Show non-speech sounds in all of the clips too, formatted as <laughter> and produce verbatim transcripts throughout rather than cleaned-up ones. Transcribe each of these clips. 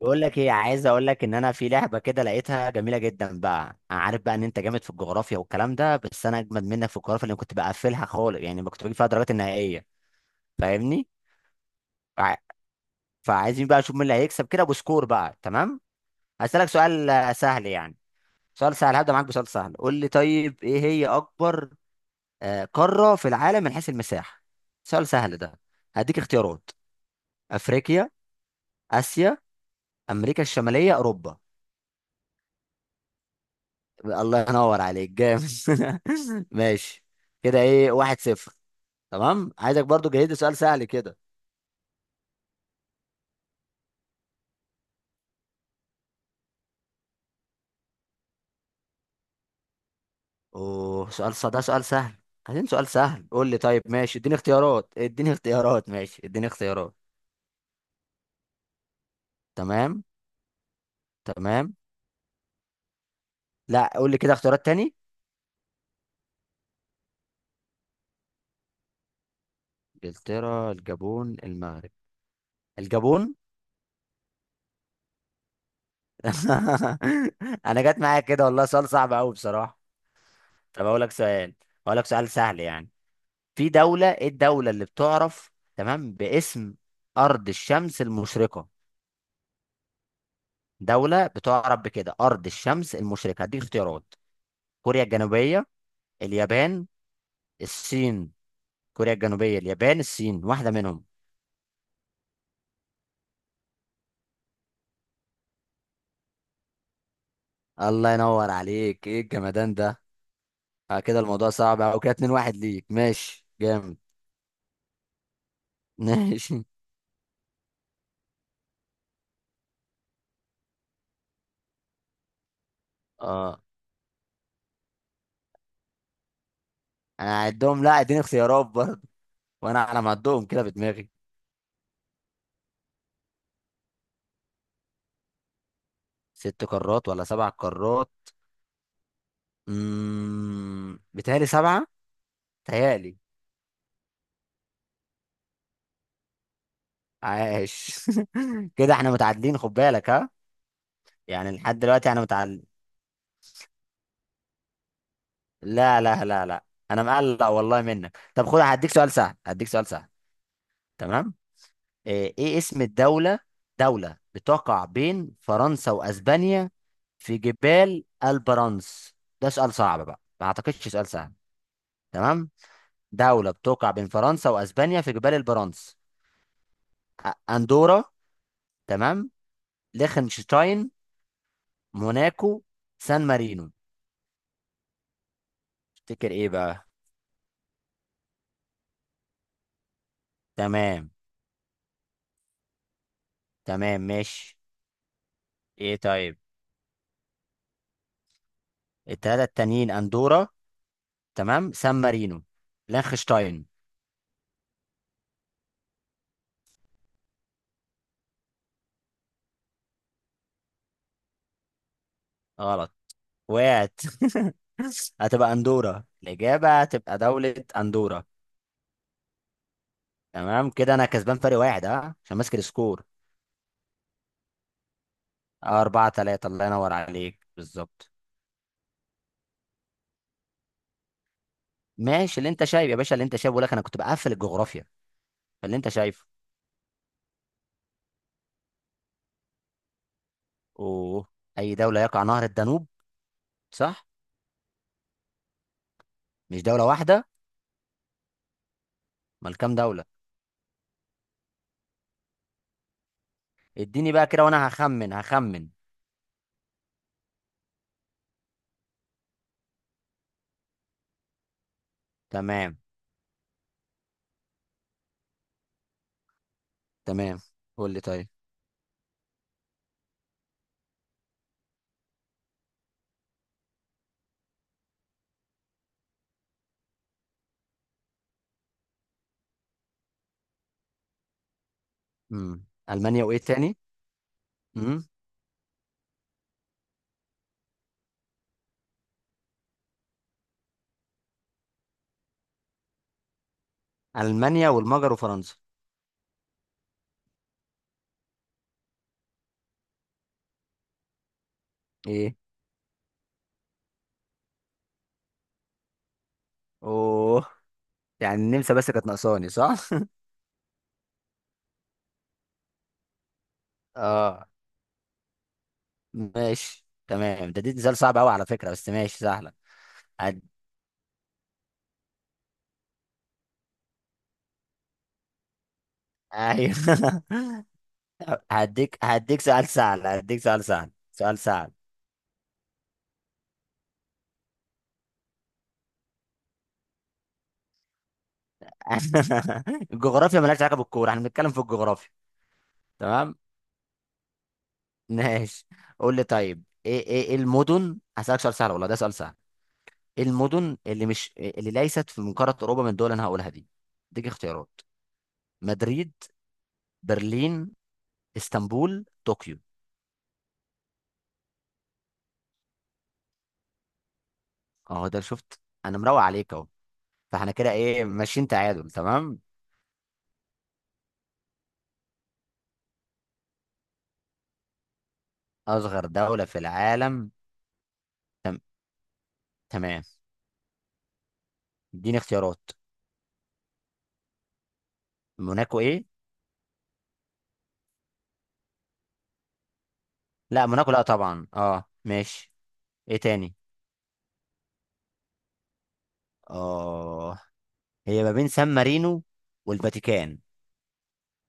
بقول لك ايه، عايز اقول لك ان انا في لعبه كده لقيتها جميله جدا بقى. انا عارف بقى ان انت جامد في الجغرافيا والكلام ده، بس انا اجمد منك في الجغرافيا اللي كنت بقفلها خالص، يعني ما كنت بجيب فيها درجات النهائيه. فاهمني؟ فع- فعايزين بقى نشوف مين اللي هيكسب كده بسكور بقى. تمام. هسألك سؤال آه، سهل يعني. سؤال سهل، هبدأ معاك بسؤال سهل. قول لي طيب، ايه هي اكبر آه، قاره في العالم من حيث المساحه؟ سؤال سهل ده. هديك اختيارات. افريقيا، اسيا، امريكا الشماليه، اوروبا. الله ينور عليك، جامد. <laughs> ماشي. كده ايه؟ واحد صفر. تمام. عايزك برضو جهز لي سؤال سهل كده. اوه، سؤال ص- ده سؤال سهل. عايزين سؤال سهل؟ قول لي طيب، ماشي. اديني اختيارات اديني اختيارات، ماشي، اديني اختيارات. تمام. تمام. لا، قول لي كده اختيارات تاني. انجلترا، الجابون، المغرب. الجابون. <laughs> انا جت معايا كده، والله سؤال صعب قوي بصراحة. طب اقول لك سؤال، اقول لك سؤال سهل يعني. في دولة، ايه الدولة اللي بتعرف تمام باسم أرض الشمس المشرقة؟ دولة بتعرف بكده أرض الشمس المشرقة. هديك اختيارات. كوريا الجنوبية، اليابان، الصين. كوريا الجنوبية، اليابان، الصين، واحدة منهم. الله ينور عليك، ايه الجمدان ده. آه كده الموضوع صعب او كده. اتنين واحد ليك. ماشي، جامد. <laughs> ماشي. اه، انا هعدهم. لا، اديني اختيارات برضه. وانا على ما اعدهم كده بدماغي. ست قارات ولا سبع قارات؟ امم بتهيألي سبعة. تهيألي. عاش. <laughs> كده احنا متعادلين، خد بالك ها. يعني لحد دلوقتي انا متعادل. لا، لا، لا، لا. انا مقلق والله منك. طب خد، هديك سؤال سهل هديك سؤال سهل. تمام. ايه إيه اسم الدولة؟ دولة بتقع بين فرنسا واسبانيا في جبال البرانس. ده سؤال صعب بقى، ما اعتقدش سؤال سهل. تمام. دولة بتقع بين فرنسا واسبانيا في جبال البرانس. أ- اندورا. تمام. ليخنشتاين، موناكو، سان مارينو. تفتكر ايه بقى؟ تمام. تمام، ماشي. ايه طيب، التلاتة التانيين اندورا. تمام. سان مارينو، لانخشتاين. غلط. وقعت. <laughs> هتبقى اندورا، الاجابة هتبقى دولة اندورا. تمام، كده انا كسبان فرق واحد، اه، عشان ماسك السكور. آه، اربعة تلاتة، الله ينور عليك بالظبط. ماشي، اللي انت شايف يا باشا، اللي انت شايفه. بقول لك انا كنت بقفل الجغرافيا. فاللي انت شايفه. اوه، اي دولة يقع نهر الدانوب؟ صح، مش دولة واحدة. امال كام دولة؟ اديني بقى كده، وانا هخمن. هخمن تمام. تمام، قول لي طيب. امم المانيا، وايه تاني؟ امم المانيا والمجر وفرنسا. ايه؟ اوه، يعني النمسا بس كانت ناقصاني، صح. اه، ماشي تمام. ده دي سؤال صعب قوي على فكره، بس ماشي، سهله. هد... ايوه. <laughs> هديك هديك سؤال سهل، هديك سؤال سهل سؤال سهل. <laughs> الجغرافيا مالهاش علاقه بالكوره، احنا بنتكلم في الجغرافيا. تمام، ماشي. قول لي طيب، ايه ايه إيه المدن. هسألك سؤال سهل، والله ده سؤال سهل. المدن اللي مش اللي ليست في من قارة أوروبا من الدول اللي أنا هقولها دي. اديك اختيارات. مدريد، برلين، اسطنبول، طوكيو. اهو ده شفت. أنا مروق عليك أهو. فاحنا كده إيه؟ ماشيين تعادل. تمام. أصغر دولة في العالم. تمام. اديني اختيارات. موناكو إيه؟ لا، موناكو لا طبعا، أه ماشي. إيه تاني؟ أه، هي ما بين سان مارينو والفاتيكان.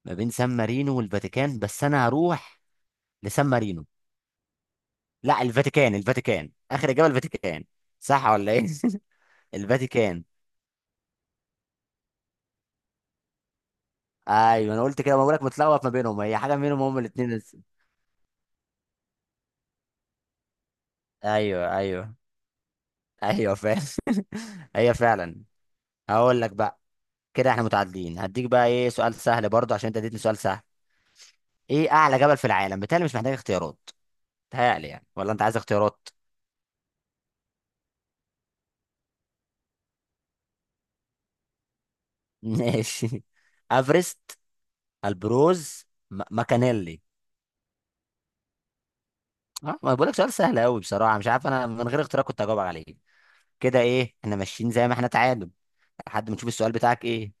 ما بين سان مارينو والفاتيكان، بس أنا هروح لسان مارينو. لا، الفاتيكان، الفاتيكان اخر اجابه، الفاتيكان. صح ولا ايه؟ <laughs> الفاتيكان. ايوه، انا قلت كده، ما بقولك متلخبط ما بينهم، هي حاجه منهم، هم الاثنين بس. ايوه، ايوه. ايوه فعلا. <laughs> هي فعلا. هقول لك بقى. كده احنا متعادلين. هديك بقى، ايه، سؤال سهل برضه عشان انت اديتني سؤال سهل. ايه اعلى جبل في العالم؟ بالتالي مش محتاج اختيارات. بيتهيألي يعني، ولا انت عايز اختيارات؟ <laughs> ماشي. افرست، البروز، م- ماكانيلي. اه، ما بقولك سؤال سهل قوي بصراحه، مش عارف انا من غير اختيارات كنت هجاوب عليه. كده ايه؟ احنا ماشيين زي ما احنا، تعادل. لحد ما نشوف السؤال بتاعك ايه.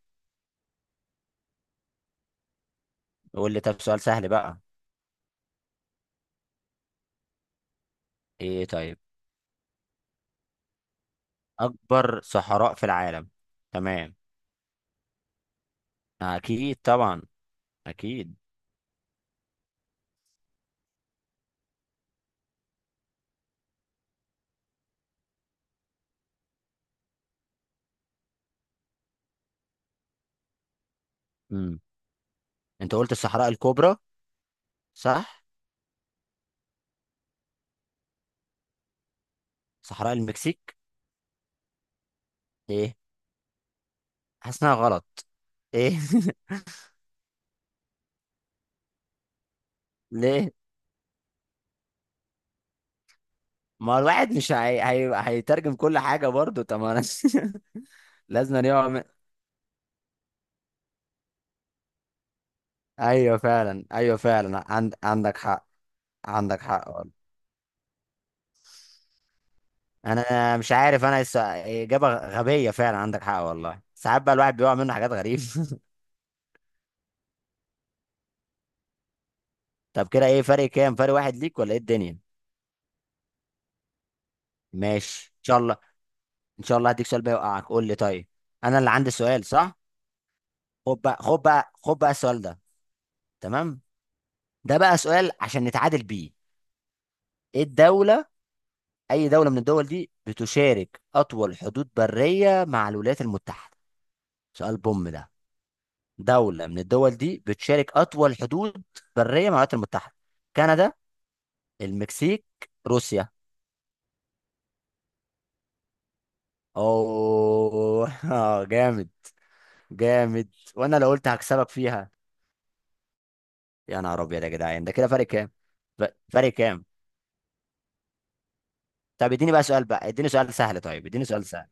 قول لي طب سؤال سهل بقى. ايه طيب. اكبر صحراء في العالم. تمام. اكيد طبعا، اكيد. امم انت قلت الصحراء الكبرى. صح. صحراء المكسيك. ايه؟ حاسس انها غلط. ايه؟ <laughs> ليه؟ ما الواحد مش هي... هي... هيترجم كل حاجه برضو، طب ما أنا. <laughs> لازم يعمل. ايوه فعلا، ايوه فعلا، عند... عندك حق. عندك حق. انا مش عارف، انا الس- اجابه غبيه فعلا، عندك حق، والله ساعات بقى الواحد بيقع منه حاجات غريبه. <laughs> طب كده ايه؟ فرق كام؟ فرق واحد ليك ولا ايه الدنيا؟ ماشي، ان شاء الله. ان شاء الله هديك سؤال بقى يوقعك. قول لي طيب. انا اللي عندي سؤال، صح. خد بقى خد بقى خد بقى السؤال ده. تمام. ده بقى سؤال عشان نتعادل بيه. ايه الدوله، اي دوله من الدول دي بتشارك اطول حدود بريه مع الولايات المتحده؟ سؤال بوم ده. دوله من الدول دي بتشارك اطول حدود بريه مع الولايات المتحده. كندا، المكسيك، روسيا. اوه. <laughs> آه، جامد. جامد. وانا لو قلت هكسبك فيها. يا نهار ابيض يا جدعان، ده كده فرق كام؟ ف- فرق كام؟ طب اديني بقى سؤال بقى، اديني سؤال سهل، طيب اديني سؤال سهل.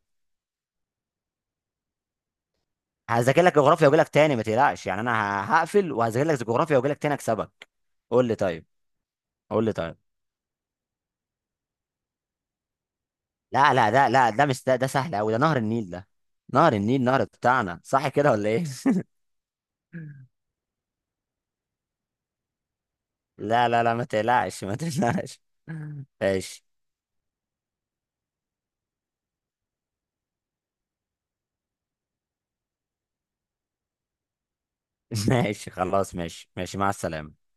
هذاكر لك جغرافيا واجي لك تاني، ما تقلقش يعني، انا ه- هقفل وهذاكر لك جغرافيا واجي لك تاني اكسبك. قول لي طيب قول لي طيب. لا، لا، ده لا ده مش ده, ده سهل قوي، ده نهر النيل ده. نهر النيل، نهر بتاعنا، صح كده ولا ايه؟ <laughs> لا، لا، لا، ما تقلقش، ما تقلقش. <laughs> ماشي. <laughs> ماشي خلاص، ماشي، ماشي مع السلامة.